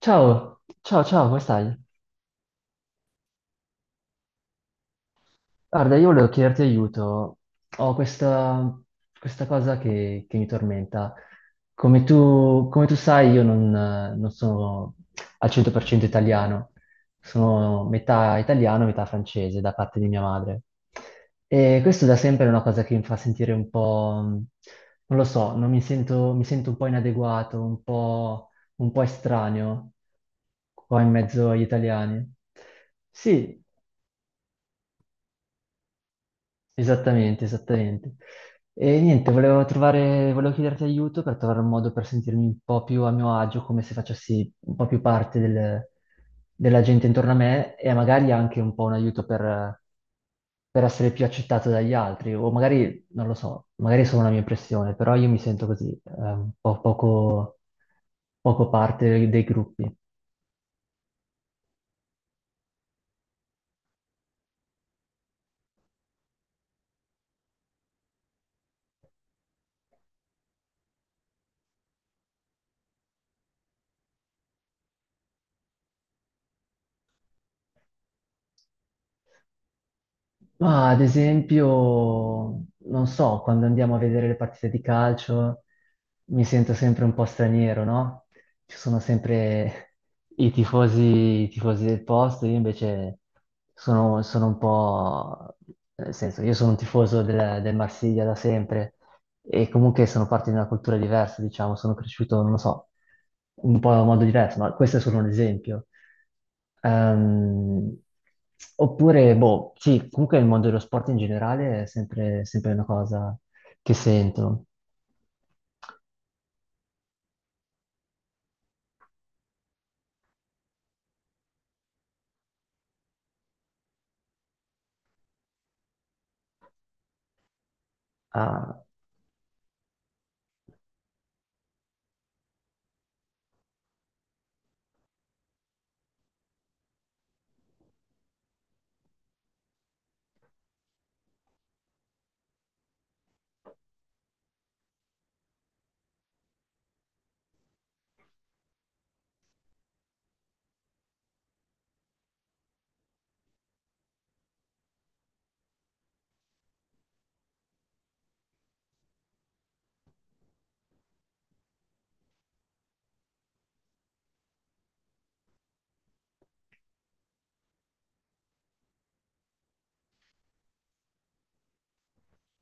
Ciao, ciao, ciao, come stai? Guarda, io volevo chiederti aiuto. Ho questa cosa che mi tormenta. Come tu sai, io non sono al 100% italiano, sono metà italiano, metà francese da parte di mia madre. E questo da sempre è una cosa che mi fa sentire un po', non lo so, non mi sento, mi sento un po' inadeguato, un po' estraneo qua in mezzo agli italiani. Sì, esattamente, esattamente. E niente, volevo chiederti aiuto per trovare un modo per sentirmi un po' più a mio agio, come se facessi un po' più parte della gente intorno a me e magari anche un po' un aiuto per essere più accettato dagli altri, o magari, non lo so, magari è solo una mia impressione, però io mi sento così, un po' poco parte dei gruppi. Ma ad esempio, non so, quando andiamo a vedere le partite di calcio mi sento sempre un po' straniero, no? Ci sono sempre i tifosi del posto, io invece sono un po'. Nel senso, io sono un tifoso del Marsiglia da sempre, e comunque sono parte di una cultura diversa, diciamo, sono cresciuto, non lo so, un po' in modo diverso, ma questo è solo un esempio. Ehm, Oppure, boh, sì, comunque il mondo dello sport in generale è sempre, sempre una cosa che sento. Ah,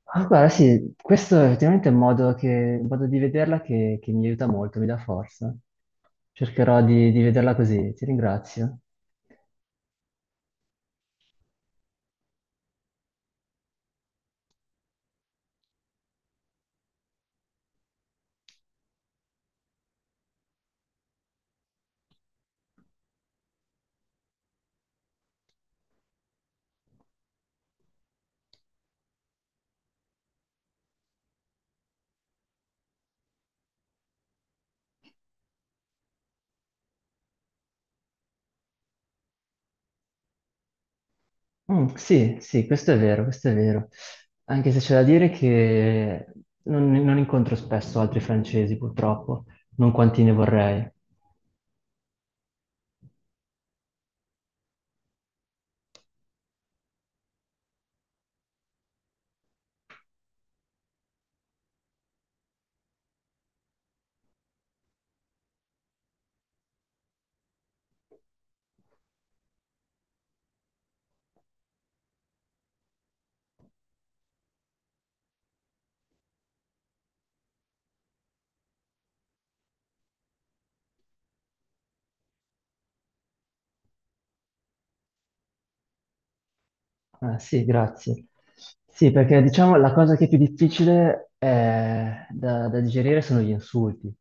ah, guarda, sì, questo è effettivamente un modo, un modo di vederla che mi aiuta molto, mi dà forza. Cercherò di vederla così, ti ringrazio. Mm, sì, sì, questo è vero, questo è vero. Anche se c'è da dire che non incontro spesso altri francesi, purtroppo, non quanti ne vorrei. Ah, sì, grazie. Sì, perché diciamo la cosa che è più difficile da digerire sono gli insulti.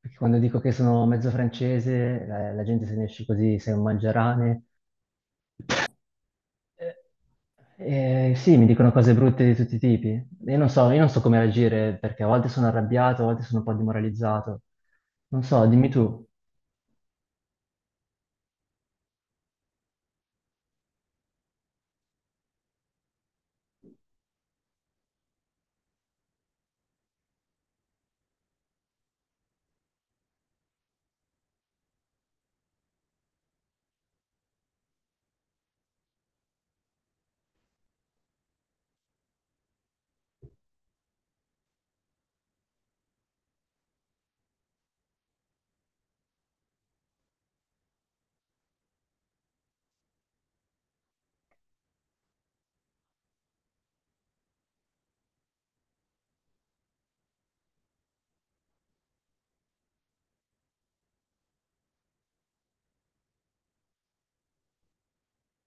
Perché quando dico che sono mezzo francese, la gente se ne esce così, sei un mangiarane. Eh, sì, mi dicono cose brutte di tutti i tipi. Io non so come reagire perché a volte sono arrabbiato, a volte sono un po' demoralizzato. Non so, dimmi tu.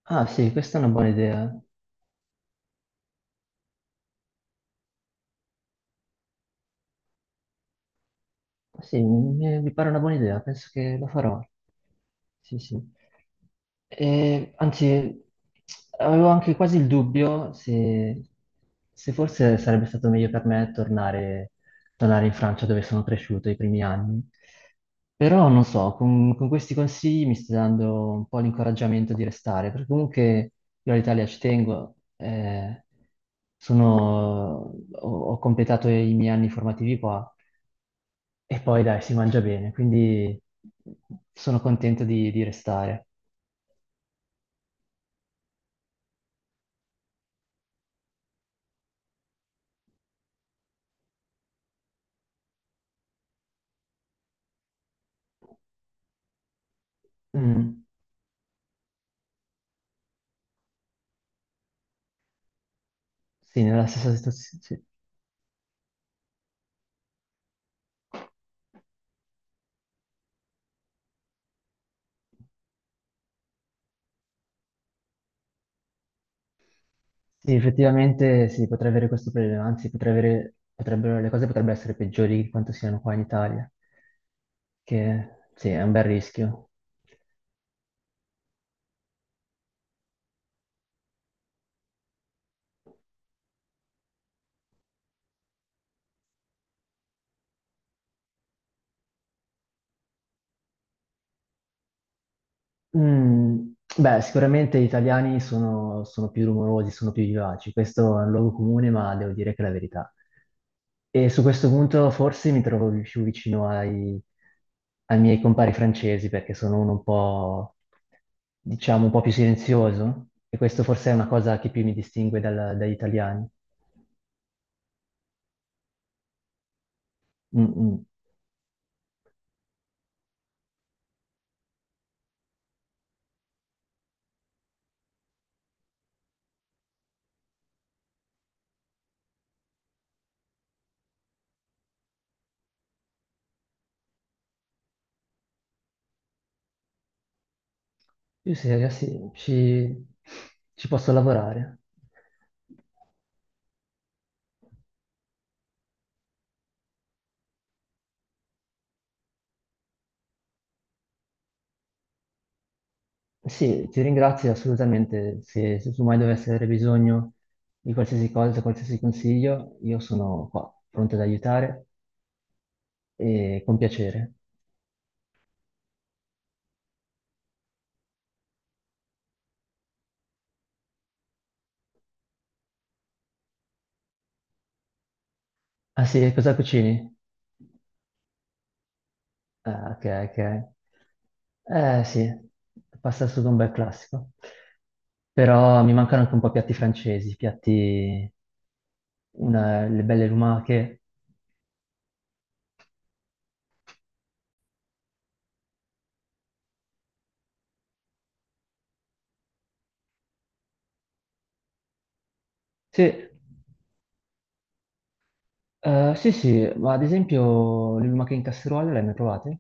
Ah, sì, questa è una buona idea. Sì, mi pare una buona idea, penso che lo farò. Sì, sì. E, anzi, avevo anche quasi il dubbio se forse sarebbe stato meglio per me tornare, tornare in Francia dove sono cresciuto i primi anni. Però non so, con questi consigli mi stai dando un po' l'incoraggiamento di restare, perché comunque io all'Italia ci tengo, ho completato i miei anni formativi qua e poi dai, si mangia bene, quindi sono contento di restare. Mm, sì, nella stessa situazione. Sì, sì, effettivamente sì, potrei avere questo problema, anzi le cose potrebbero essere peggiori di quanto siano qua in Italia, che sì, è un bel rischio. Mm, beh, sicuramente gli italiani sono più rumorosi, sono più vivaci, questo è un luogo comune, ma devo dire che è la verità. E su questo punto forse mi trovo più vicino ai miei compari francesi, perché sono uno un po', diciamo, un po' più silenzioso, e questo forse è una cosa che più mi distingue dagli italiani. Mm, mm. Io sì, ragazzi, ci posso lavorare. Sì, ti ringrazio assolutamente. Se tu mai dovessi avere bisogno di qualsiasi cosa, qualsiasi consiglio, io sono qua, pronto ad aiutare e con piacere. Ah sì, cosa cucini? Ah, ok, ok. Eh sì, pasta al sugo è un bel classico. Però mi mancano anche un po' piatti francesi, le belle lumache. Sì, sì, sì, ma ad esempio le lumache in casseruola le hai mai provate?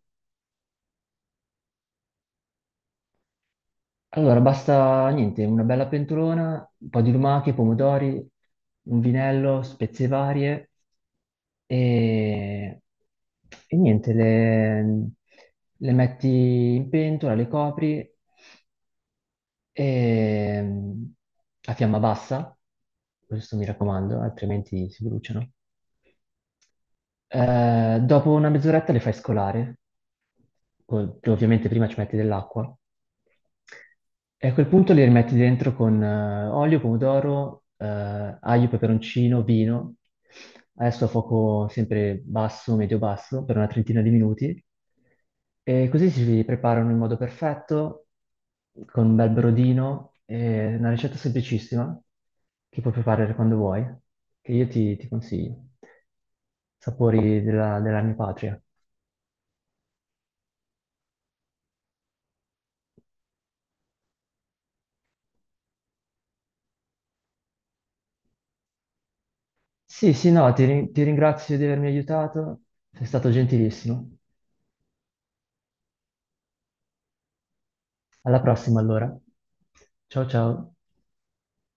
Allora, basta niente, una bella pentolona, un po' di lumache, pomodori, un vinello, spezie varie e, e niente, le metti in pentola, le copri e, a fiamma bassa, questo mi raccomando, altrimenti si bruciano. Dopo una mezz'oretta le fai scolare che ovviamente prima ci metti dell'acqua, e a quel punto li rimetti dentro con olio, pomodoro, aglio, peperoncino, vino, adesso a fuoco sempre basso, medio-basso, per una trentina di minuti, e così si preparano in modo perfetto, con un bel brodino, è una ricetta semplicissima, che puoi preparare quando vuoi, che io ti consiglio. Sapori della mia patria. Sì, sì, no, ti ringrazio di avermi aiutato, sei stato gentilissimo. Alla prossima allora. Ciao ciao.